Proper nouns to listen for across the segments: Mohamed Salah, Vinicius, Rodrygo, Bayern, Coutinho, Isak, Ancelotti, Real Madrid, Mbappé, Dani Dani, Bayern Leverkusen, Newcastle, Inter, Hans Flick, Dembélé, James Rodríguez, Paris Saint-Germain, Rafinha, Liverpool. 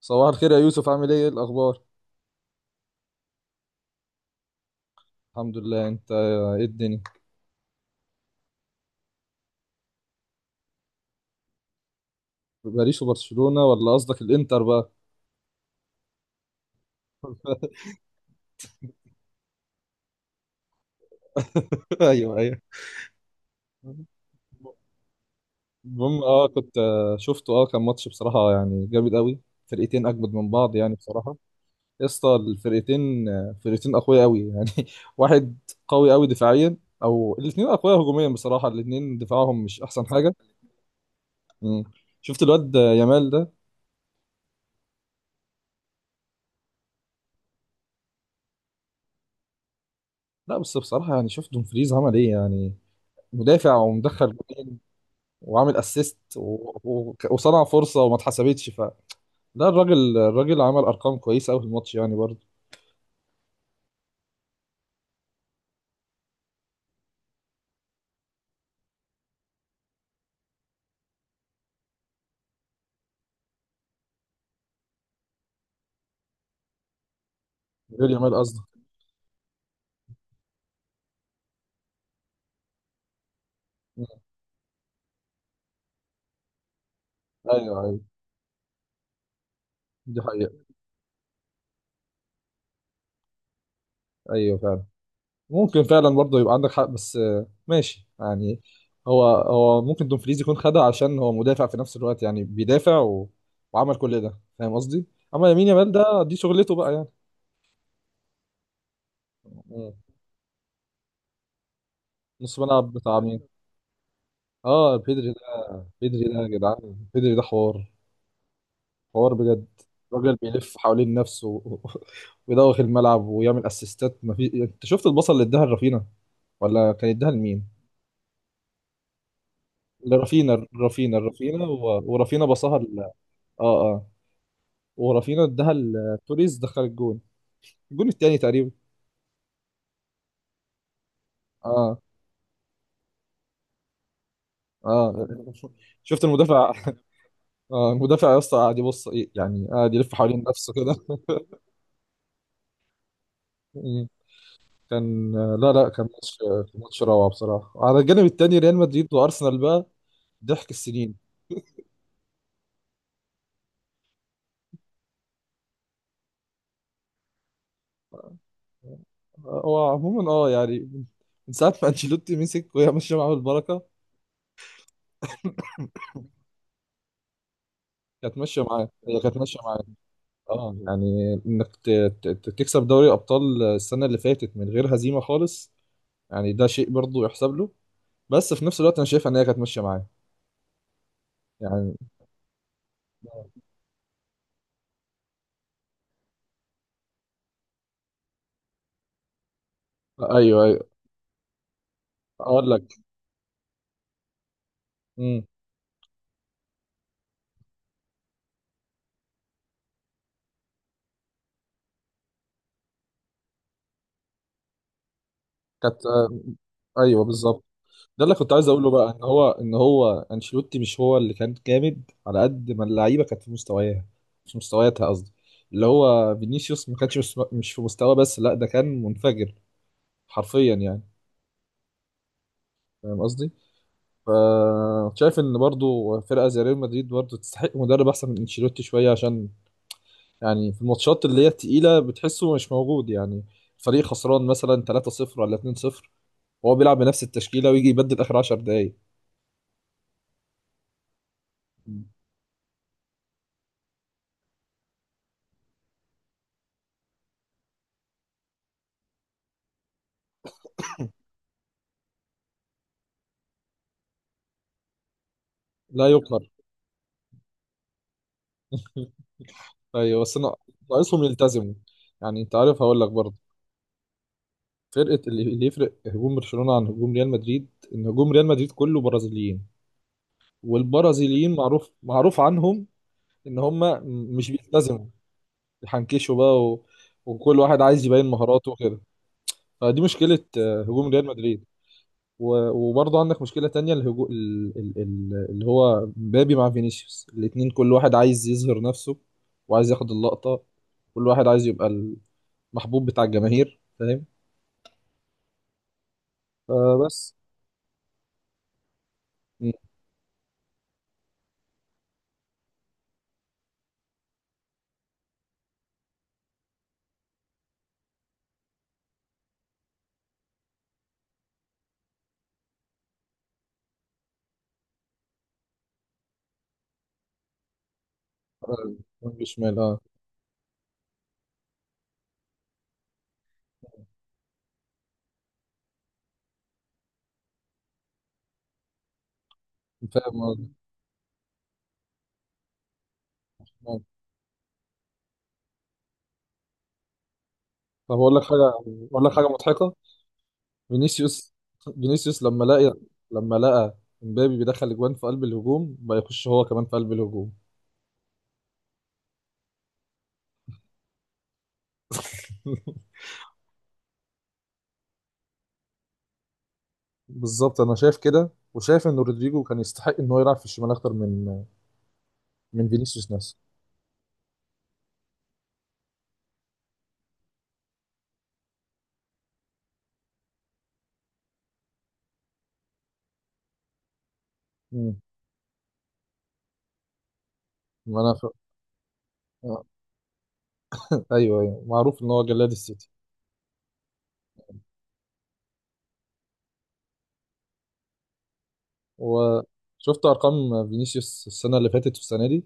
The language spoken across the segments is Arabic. صباح الخير يا يوسف، عامل ايه؟ إيه الاخبار؟ الحمد لله، انت ايه الدنيا؟ باريس وبرشلونة، ولا قصدك الانتر بقى؟ ايوه، ايوه. المهم كنت شفته كان ماتش بصراحة يعني جامد قوي. فرقتين اجمد من بعض، يعني بصراحة. يا اسطى، الفرقتين آه، فرقتين اقوياء قوي يعني. واحد. قوي قوي دفاعيا، او الاثنين اقوياء هجوميا. بصراحة الاثنين دفاعهم مش احسن حاجة. مم. شفت الواد يامال ده؟ لا بس بصراحة يعني، شفت دومفريز عمل ايه يعني؟ مدافع ومدخل، وعامل اسيست و... و... وصنع فرصه، وما اتحسبتش لا، الراجل عمل ارقام كويسه قوي في الماتش يعني برضه. غير يامال قصدي. مم. ايوه، ايوه. دي حقيقه. ايوه، فعلا. ممكن فعلا برضه يبقى عندك حق، بس ماشي يعني. هو ممكن دومفريز يكون خدها، عشان هو مدافع في نفس الوقت يعني بيدافع وعمل كل ده، فاهم قصدي. اما يمين يامال ده دي شغلته بقى يعني. مم. نص ملعب بتاع مين؟ اه، بيدري ده. بيدري ده يا جدعان، بيدري ده حوار. حوار بجد. راجل بيلف حوالين نفسه ويدوخ الملعب ويعمل اسيستات. ما في، انت شفت البصل اللي اداها لرافينا، ولا كان اداها لمين؟ لرافينا رافينا رافينا و... ورافينا بصها اه، اه. ورافينا اداها لتوريز، دخل الجون، الجون التاني تقريبا. اه، اه. شفت المدافع؟ آه المدافع يا اسطى، قاعد يبص إيه، يعني قاعد يلف حوالين نفسه كده. مم. كان لا، لا، كان ماتش روعة بصراحة. على الجانب التاني ريال مدريد وارسنال بقى، ضحك السنين. هو عموما يعني، من ساعة ما انشيلوتي مسك وهي ماشية معاه بالبركة. كانت ماشية معاه، هي كانت ماشية معاه. اه يعني انك تكسب دوري ابطال السنة اللي فاتت من غير هزيمة خالص، يعني ده شيء برضه يحسب له. بس في نفس الوقت انا شايف ان هي كانت ماشية معاه، يعني. ايوه، ايوه. اقول لك. امم كانت آه، ايوه، بالظبط. ده اللي كنت عايز اقوله بقى، ان هو انشيلوتي مش هو اللي كان جامد على قد ما اللعيبه كانت في مستواها. مش مستوياتها قصدي. اللي هو فينيسيوس ما كانش مش في مستوى، بس لا ده كان منفجر حرفيا يعني. فاهم قصدي؟ ف شايف ان برضو فرقه زي ريال مدريد برضو تستحق مدرب احسن من انشيلوتي شويه، عشان يعني في الماتشات اللي هي التقيله بتحسه مش موجود يعني. فريق خسران مثلا 3-0 ولا 2-0، وهو بيلعب بنفس التشكيله ويجي يبدل اخر 10 دقائق. لا يقهر. ايوه بس انا، ناقصهم يلتزموا. يعني انت عارف، هقول لك برضه. اللي يفرق هجوم برشلونه عن هجوم ريال مدريد، ان هجوم ريال مدريد كله برازيليين. والبرازيليين معروف معروف عنهم ان هم مش بيلتزموا، يحنكشوا بقى و... وكل واحد عايز يبين مهاراته وكده. فدي مشكله، هجوم ريال مدريد. و... وبرضه عندك مشكله تانية، الهجو... ال... ال... ال... اللي هو مبابي مع فينيسيوس، الاتنين كل واحد عايز يظهر نفسه وعايز ياخد اللقطه. كل واحد عايز يبقى محبوب بتاع الجماهير، فاهم. فبس. مم. وينج شمال، اه. فاهم قصدك. آه. طب اقول لك حاجه، اقول لك حاجه مضحكه. فينيسيوس فينيسيوس لما لقى امبابي بيدخل اجوان في قلب الهجوم، بقى يخش هو كمان في قلب الهجوم. بالظبط، انا شايف كده وشايف ان رودريجو كان يستحق ان هو يلعب في الشمال اكتر من من فينيسيوس نفسه. مم. ما انا ف... آه. ايوه، ايوه، معروف ان هو جلاد السيتي. وشفت ارقام فينيسيوس السنه اللي فاتت والسنه دي.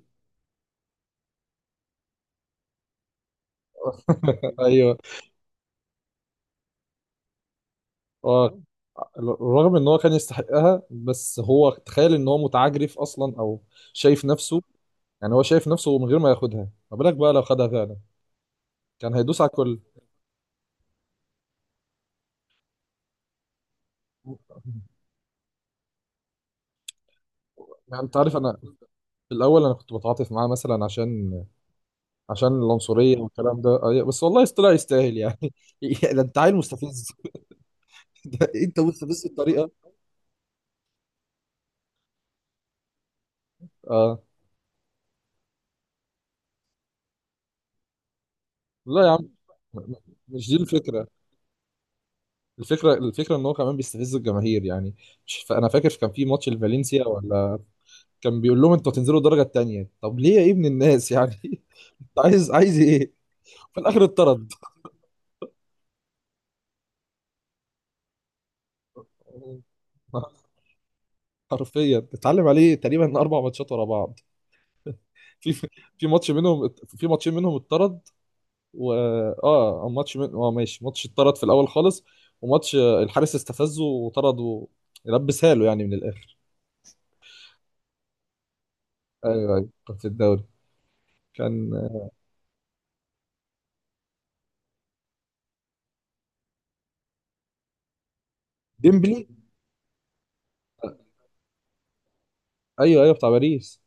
ايوه. اه، رغم ان هو كان يستحقها، بس هو تخيل ان هو متعجرف اصلا، او شايف نفسه. يعني هو شايف نفسه من غير ما ياخدها، ما بالك بقى لو خدها فعلا، كان هيدوس على الكل. يعني انت عارف، انا في الاول انا كنت بتعاطف معاه مثلا عشان، عشان العنصريه والكلام ده، بس والله طلع يستاهل يعني. ده انت عيل مستفز. ده انت مستفز بطريقه. اه لا يا عم، م- م- مش دي الفكره. الفكره ان هو كمان بيستفز الجماهير يعني. مش انا فاكر كان في ماتش لفالنسيا ولا، كان بيقول لهم انتوا هتنزلوا الدرجه الثانيه. طب ليه يا ابن الناس يعني؟ انت عايز ايه؟ في الاخر اتطرد. حرفيا اتعلم عليه تقريبا 4 ماتشات ورا بعض. في في ماتشين منهم اتطرد. و اه ماشي، ماتش اتطرد في الاول خالص. وماتش الحارس استفزه وطرده، لبسها له يعني من الاخر. ايوه، ايوه، كان في الدوري. كان آه، ديمبلي. ايوه، ايوه، بتاع باريس.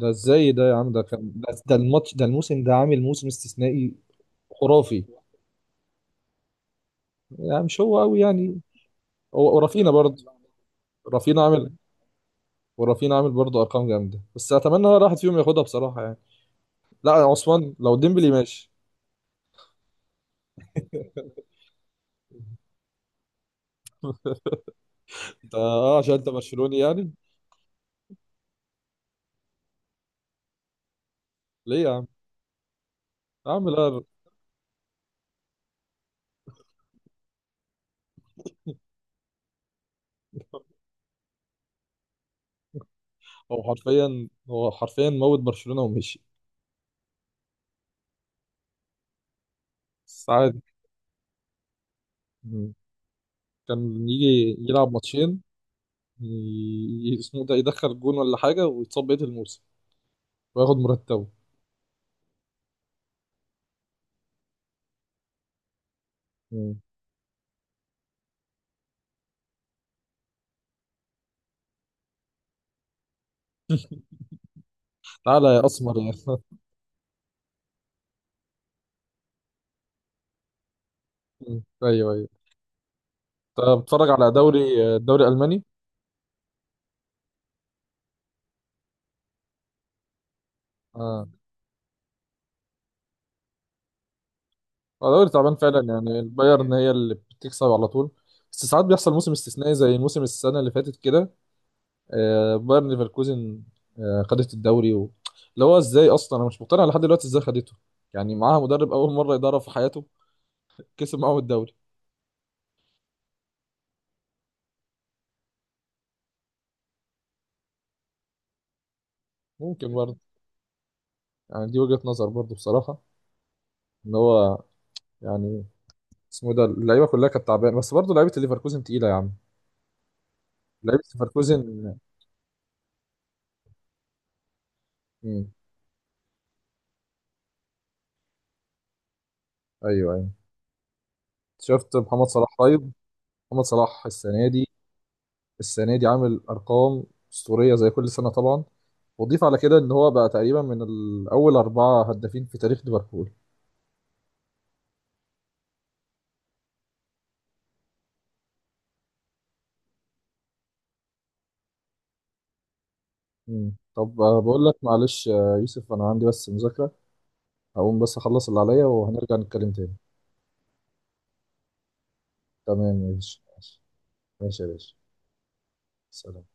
ده ازاي ده يا عم؟ ده الماتش، ده الموسم، ده عامل موسم استثنائي خرافي. يعني مش هو قوي يعني؟ هو ورافينا برضه. رافينا عامل ورافينا عامل برضه ارقام جامده، بس اتمنى ولا واحد فيهم ياخدها بصراحه يعني. لا يا عثمان، لو ديمبلي ماشي. انت عشان انت برشلوني يعني؟ ليه يا عم؟ يا عم لا، هو حرفيا موت برشلونه ومشي. بس عادي. مم. كان يجي يلعب ماتشين، اسمه ده، يدخل جون ولا حاجه ويتصاب بقيه الموسم وياخد مرتبه. تعالى يا اسمر يا ايوه، ايوه. طب بتتفرج على دوري، الدوري الالماني؟ اه، هو دوري تعبان فعلا، يعني البايرن هي اللي بتكسب على طول. بس ساعات بيحصل موسم استثنائي زي موسم السنه اللي فاتت كده. ليفركوزن، خدت الدوري اللي هو ازاي اصلا، انا مش مقتنع لحد دلوقتي ازاي خدته. يعني معاها مدرب اول مره يدرب في حياته، كسب معاهم الدوري. ممكن برضه، يعني دي وجهه نظر برضه بصراحه. ان هو، يعني، اسمه ده، اللعيبه كلها كانت تعبانه، بس برضه لعيبه ليفركوزن تقيله يا عم. لعيبه ليفركوزن. مم. ايوه، ايوه. شفت محمد صلاح؟ طيب، محمد صلاح السنه دي، السنه دي عامل ارقام اسطوريه زي كل سنه طبعا. وضيف على كده، ان هو بقى تقريبا من الاول 4 هدافين في تاريخ ليفربول. مم. طب بقول لك، معلش يوسف، انا عندي بس مذاكره. هقوم بس اخلص اللي عليا، وهنرجع نتكلم تاني. تمام يا باشا، ماشي. ماشي يا باشا. سلام.